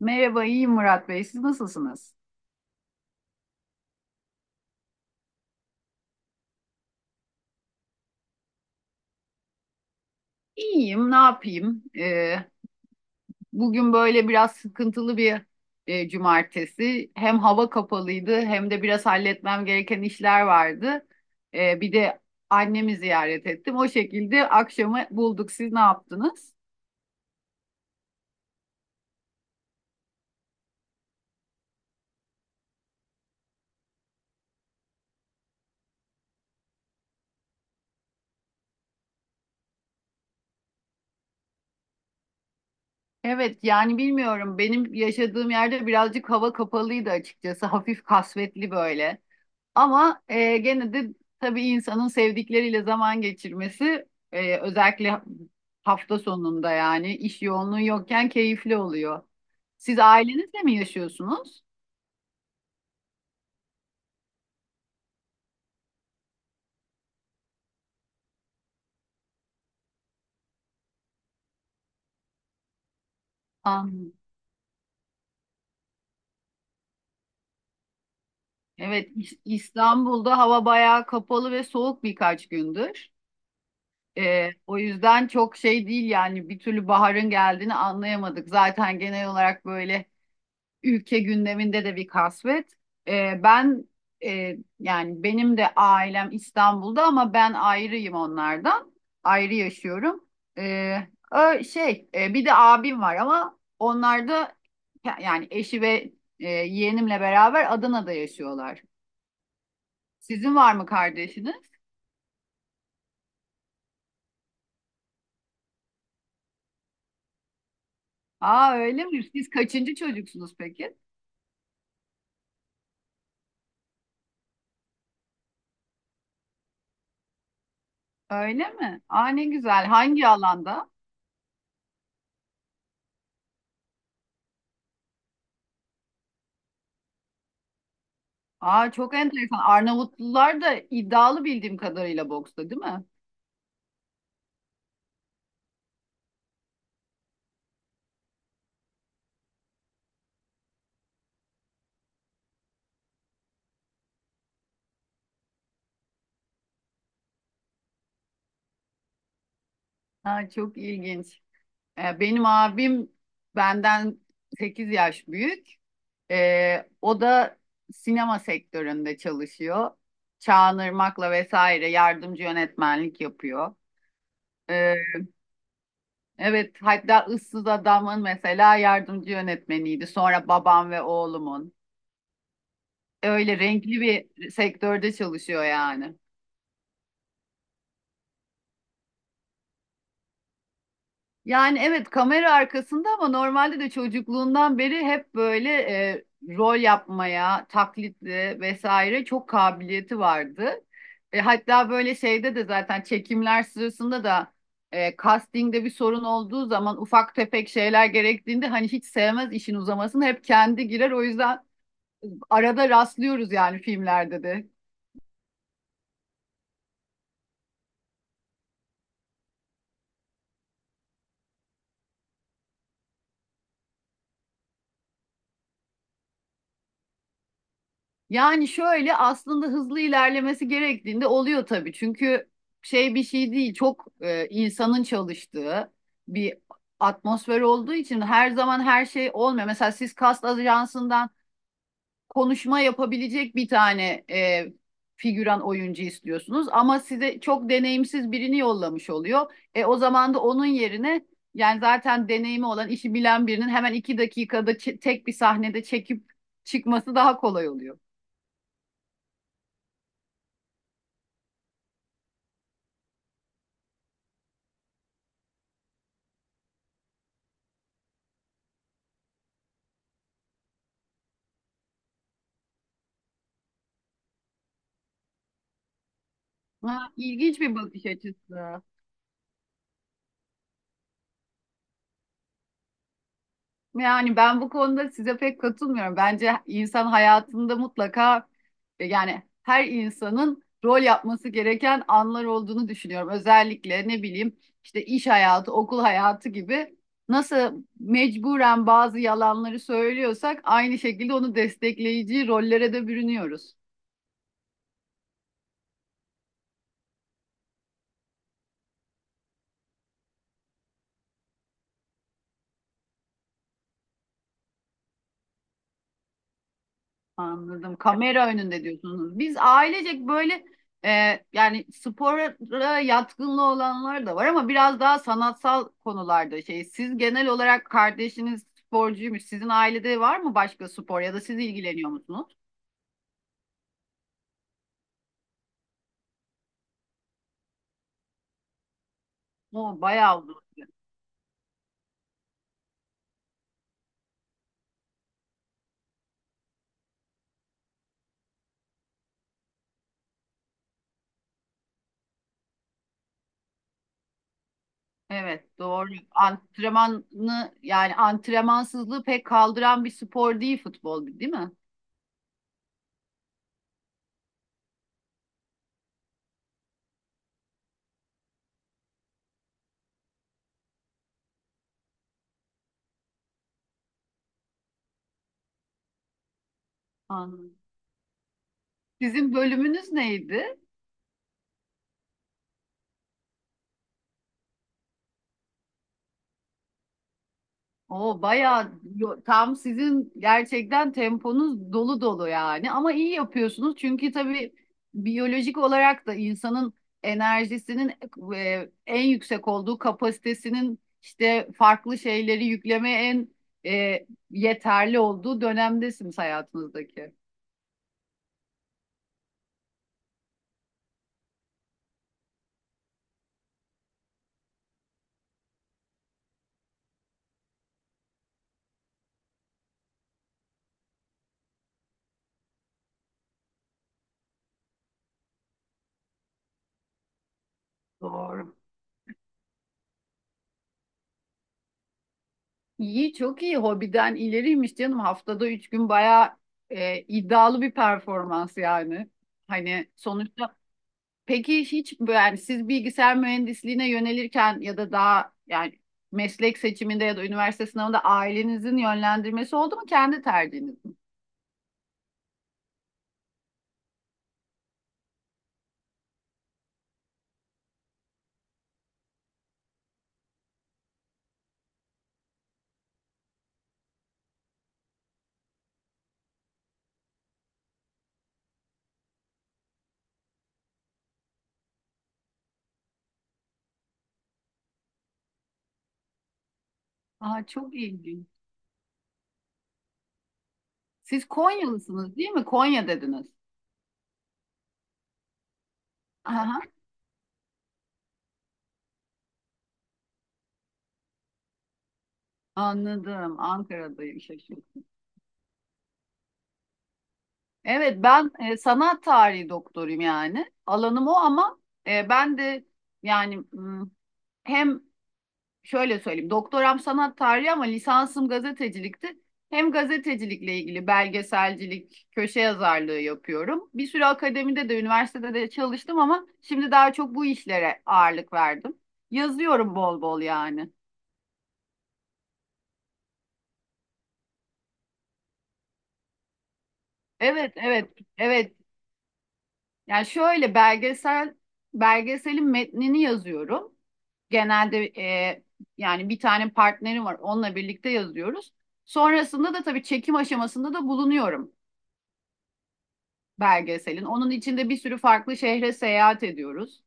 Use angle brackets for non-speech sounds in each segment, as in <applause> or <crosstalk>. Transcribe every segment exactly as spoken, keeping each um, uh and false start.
Merhaba, iyiyim Murat Bey. Siz nasılsınız? İyiyim, ne yapayım? Ee, bugün böyle biraz sıkıntılı bir e, cumartesi. Hem hava kapalıydı hem de biraz halletmem gereken işler vardı. Ee, bir de annemi ziyaret ettim. O şekilde akşamı bulduk. Siz ne yaptınız? Evet, yani bilmiyorum. Benim yaşadığım yerde birazcık hava kapalıydı açıkçası. <laughs> Hafif kasvetli böyle. Ama e, gene de tabii insanın sevdikleriyle zaman geçirmesi, e, özellikle hafta sonunda yani iş yoğunluğu yokken keyifli oluyor. Siz ailenizle mi yaşıyorsunuz? Anladım. Evet, İs- İstanbul'da hava bayağı kapalı ve soğuk birkaç gündür. E, o yüzden çok şey değil yani bir türlü baharın geldiğini anlayamadık. Zaten genel olarak böyle ülke gündeminde de bir kasvet. Ee, ben e, Yani benim de ailem İstanbul'da ama ben ayrıyım onlardan. Ayrı yaşıyorum. Ee, ö- şey e, Bir de abim var ama onlar da ke- yani eşi ve e, yeğenimle beraber Adana'da yaşıyorlar. Sizin var mı kardeşiniz? Aa öyle mi? Siz kaçıncı çocuksunuz peki? Öyle mi? Aa ne güzel. Hangi alanda? Aa çok enteresan. Arnavutlular da iddialı bildiğim kadarıyla boksta, değil mi? Aa, çok ilginç. Ee, benim abim benden sekiz yaş büyük. Ee, o da sinema sektöründe çalışıyor. Çağınırmak'la vesaire yardımcı yönetmenlik yapıyor. Ee, evet, hatta Issız Adam'ın mesela yardımcı yönetmeniydi. Sonra babam ve oğlumun. Öyle renkli bir sektörde çalışıyor yani. Yani evet, kamera arkasında ama normalde de çocukluğundan beri hep böyle e, rol yapmaya, taklitli vesaire çok kabiliyeti vardı. E, hatta böyle şeyde de zaten çekimler sırasında da e, castingde bir sorun olduğu zaman ufak tefek şeyler gerektiğinde hani hiç sevmez işin uzamasını, hep kendi girer. O yüzden arada rastlıyoruz yani filmlerde de. Yani şöyle, aslında hızlı ilerlemesi gerektiğinde oluyor tabii. Çünkü şey, bir şey değil çok e, insanın çalıştığı bir atmosfer olduğu için her zaman her şey olmuyor. Mesela siz kast ajansından konuşma yapabilecek bir tane e, figüran oyuncu istiyorsunuz ama size çok deneyimsiz birini yollamış oluyor. E, o zaman da onun yerine yani zaten deneyimi olan, işi bilen birinin hemen iki dakikada çe- tek bir sahnede çekip çıkması daha kolay oluyor. Ha, ilginç bir bakış açısı. Yani ben bu konuda size pek katılmıyorum. Bence insan hayatında mutlaka, e, yani her insanın rol yapması gereken anlar olduğunu düşünüyorum. Özellikle ne bileyim işte iş hayatı, okul hayatı gibi nasıl mecburen bazı yalanları söylüyorsak aynı şekilde onu destekleyici rollere de bürünüyoruz. Anladım. Kamera önünde diyorsunuz. Biz ailecek böyle e, yani spora yatkınlığı olanlar da var ama biraz daha sanatsal konularda şey. Siz genel olarak, kardeşiniz sporcuymuş. Sizin ailede var mı başka spor ya da siz ilgileniyor musunuz? O bayağı uzun süre. Evet doğru. Antrenmanı yani antrenmansızlığı pek kaldıran bir spor değil futbol, değil mi? Anladım. Sizin bölümünüz neydi? O bayağı yo- tam, sizin gerçekten temponuz dolu dolu yani, ama iyi yapıyorsunuz çünkü tabii biyolojik olarak da insanın enerjisinin e, en yüksek olduğu, kapasitesinin işte farklı şeyleri yüklemeye en e, yeterli olduğu dönemdesiniz hayatınızdaki. Doğru. İyi, çok iyi, hobiden ileriymiş canım, haftada üç gün bayağı e, iddialı bir performans yani. Hani sonuçta. Peki hiç bu- yani siz bilgisayar mühendisliğine yönelirken ya da daha yani meslek seçiminde ya da üniversite sınavında ailenizin yönlendirmesi oldu mu, kendi tercihiniz mi? Aa, çok ilginç. Siz Konyalısınız değil mi? Konya dediniz. Aha, anladım. Ankara'dayım, şaşırdım. Evet, ben e, sanat tarihi doktoruyum yani. Alanım o ama e, ben de yani hmm, hem şöyle söyleyeyim. Doktoram sanat tarihi ama lisansım gazetecilikti. Hem gazetecilikle ilgili belgeselcilik, köşe yazarlığı yapıyorum. Bir süre akademide de, üniversitede de çalıştım, ama şimdi daha çok bu işlere ağırlık verdim. Yazıyorum bol bol yani. Evet, evet, evet. Yani şöyle, belgesel belgeselin metnini yazıyorum. Genelde e, yani bir tane partnerim var. Onunla birlikte yazıyoruz. Sonrasında da tabii çekim aşamasında da bulunuyorum belgeselin. Onun içinde bir sürü farklı şehre seyahat ediyoruz.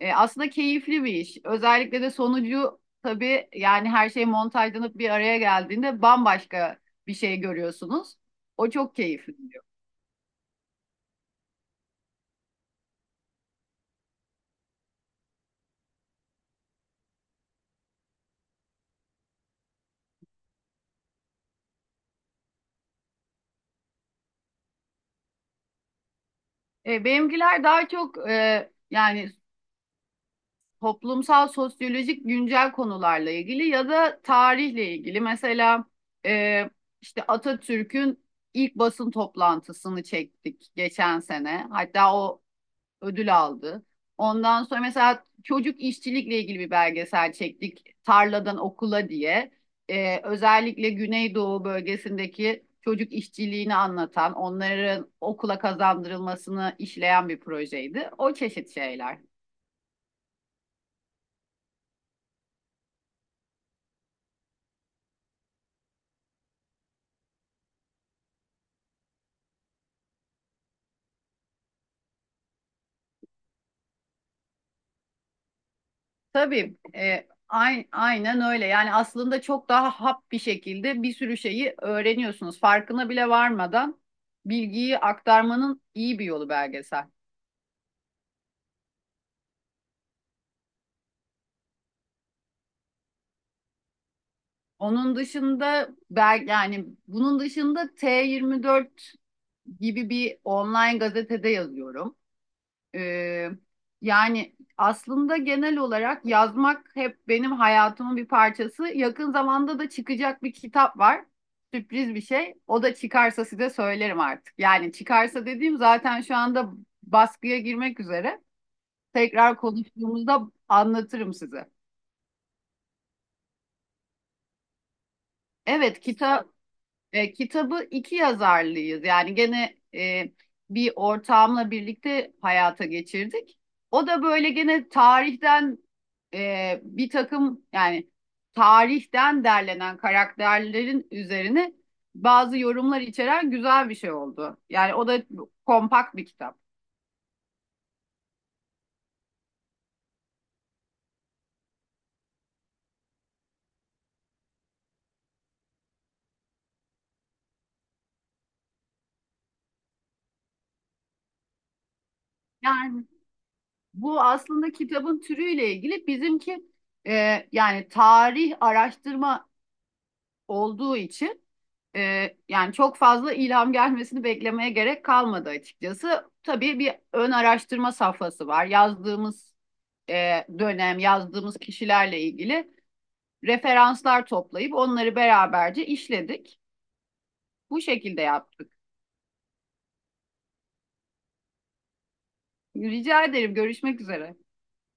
E, aslında keyifli bir iş. Özellikle de sonucu tabii, yani her şey montajlanıp bir araya geldiğinde bambaşka bir şey görüyorsunuz. O çok keyifli diyor. E, benimkiler daha çok e, yani toplumsal, sosyolojik, güncel konularla ilgili ya da tarihle ilgili. Mesela e, işte Atatürk'ün ilk basın toplantısını çektik geçen sene. Hatta o ödül aldı. Ondan sonra mesela çocuk işçilikle ilgili bir belgesel çektik, Tarladan Okula diye. Ee, özellikle Güneydoğu bölgesindeki çocuk işçiliğini anlatan, onların okula kazandırılmasını işleyen bir projeydi. O çeşit şeyler. Tabii, e, ay- aynen öyle. Yani aslında çok daha hap bir şekilde bir sürü şeyi öğreniyorsunuz. Farkına bile varmadan bilgiyi aktarmanın iyi bir yolu belgesel. Onun dışında, belki yani bunun dışında T yirmi dört gibi bir online gazetede yazıyorum. Ee, Yani aslında genel olarak yazmak hep benim hayatımın bir parçası. Yakın zamanda da çıkacak bir kitap var. Sürpriz bir şey. O da çıkarsa size söylerim artık. Yani çıkarsa dediğim, zaten şu anda baskıya girmek üzere. Tekrar konuştuğumuzda anlatırım size. Evet, kitap. E, kitabı iki yazarlıyız. Yani gene e, bir ortağımla birlikte hayata geçirdik. O da böyle gene tarihten e, bir takım yani tarihten derlenen karakterlerin üzerine bazı yorumlar içeren güzel bir şey oldu. Yani o da kompakt bir kitap. Yani bu aslında kitabın türüyle ilgili, bizimki e, yani tarih araştırma olduğu için. Ee, yani çok fazla ilham gelmesini beklemeye gerek kalmadı açıkçası. Tabii bir ön araştırma safhası var. Yazdığımız e, dönem, yazdığımız kişilerle ilgili referanslar toplayıp onları beraberce işledik. Bu şekilde yaptık. Rica ederim, görüşmek üzere.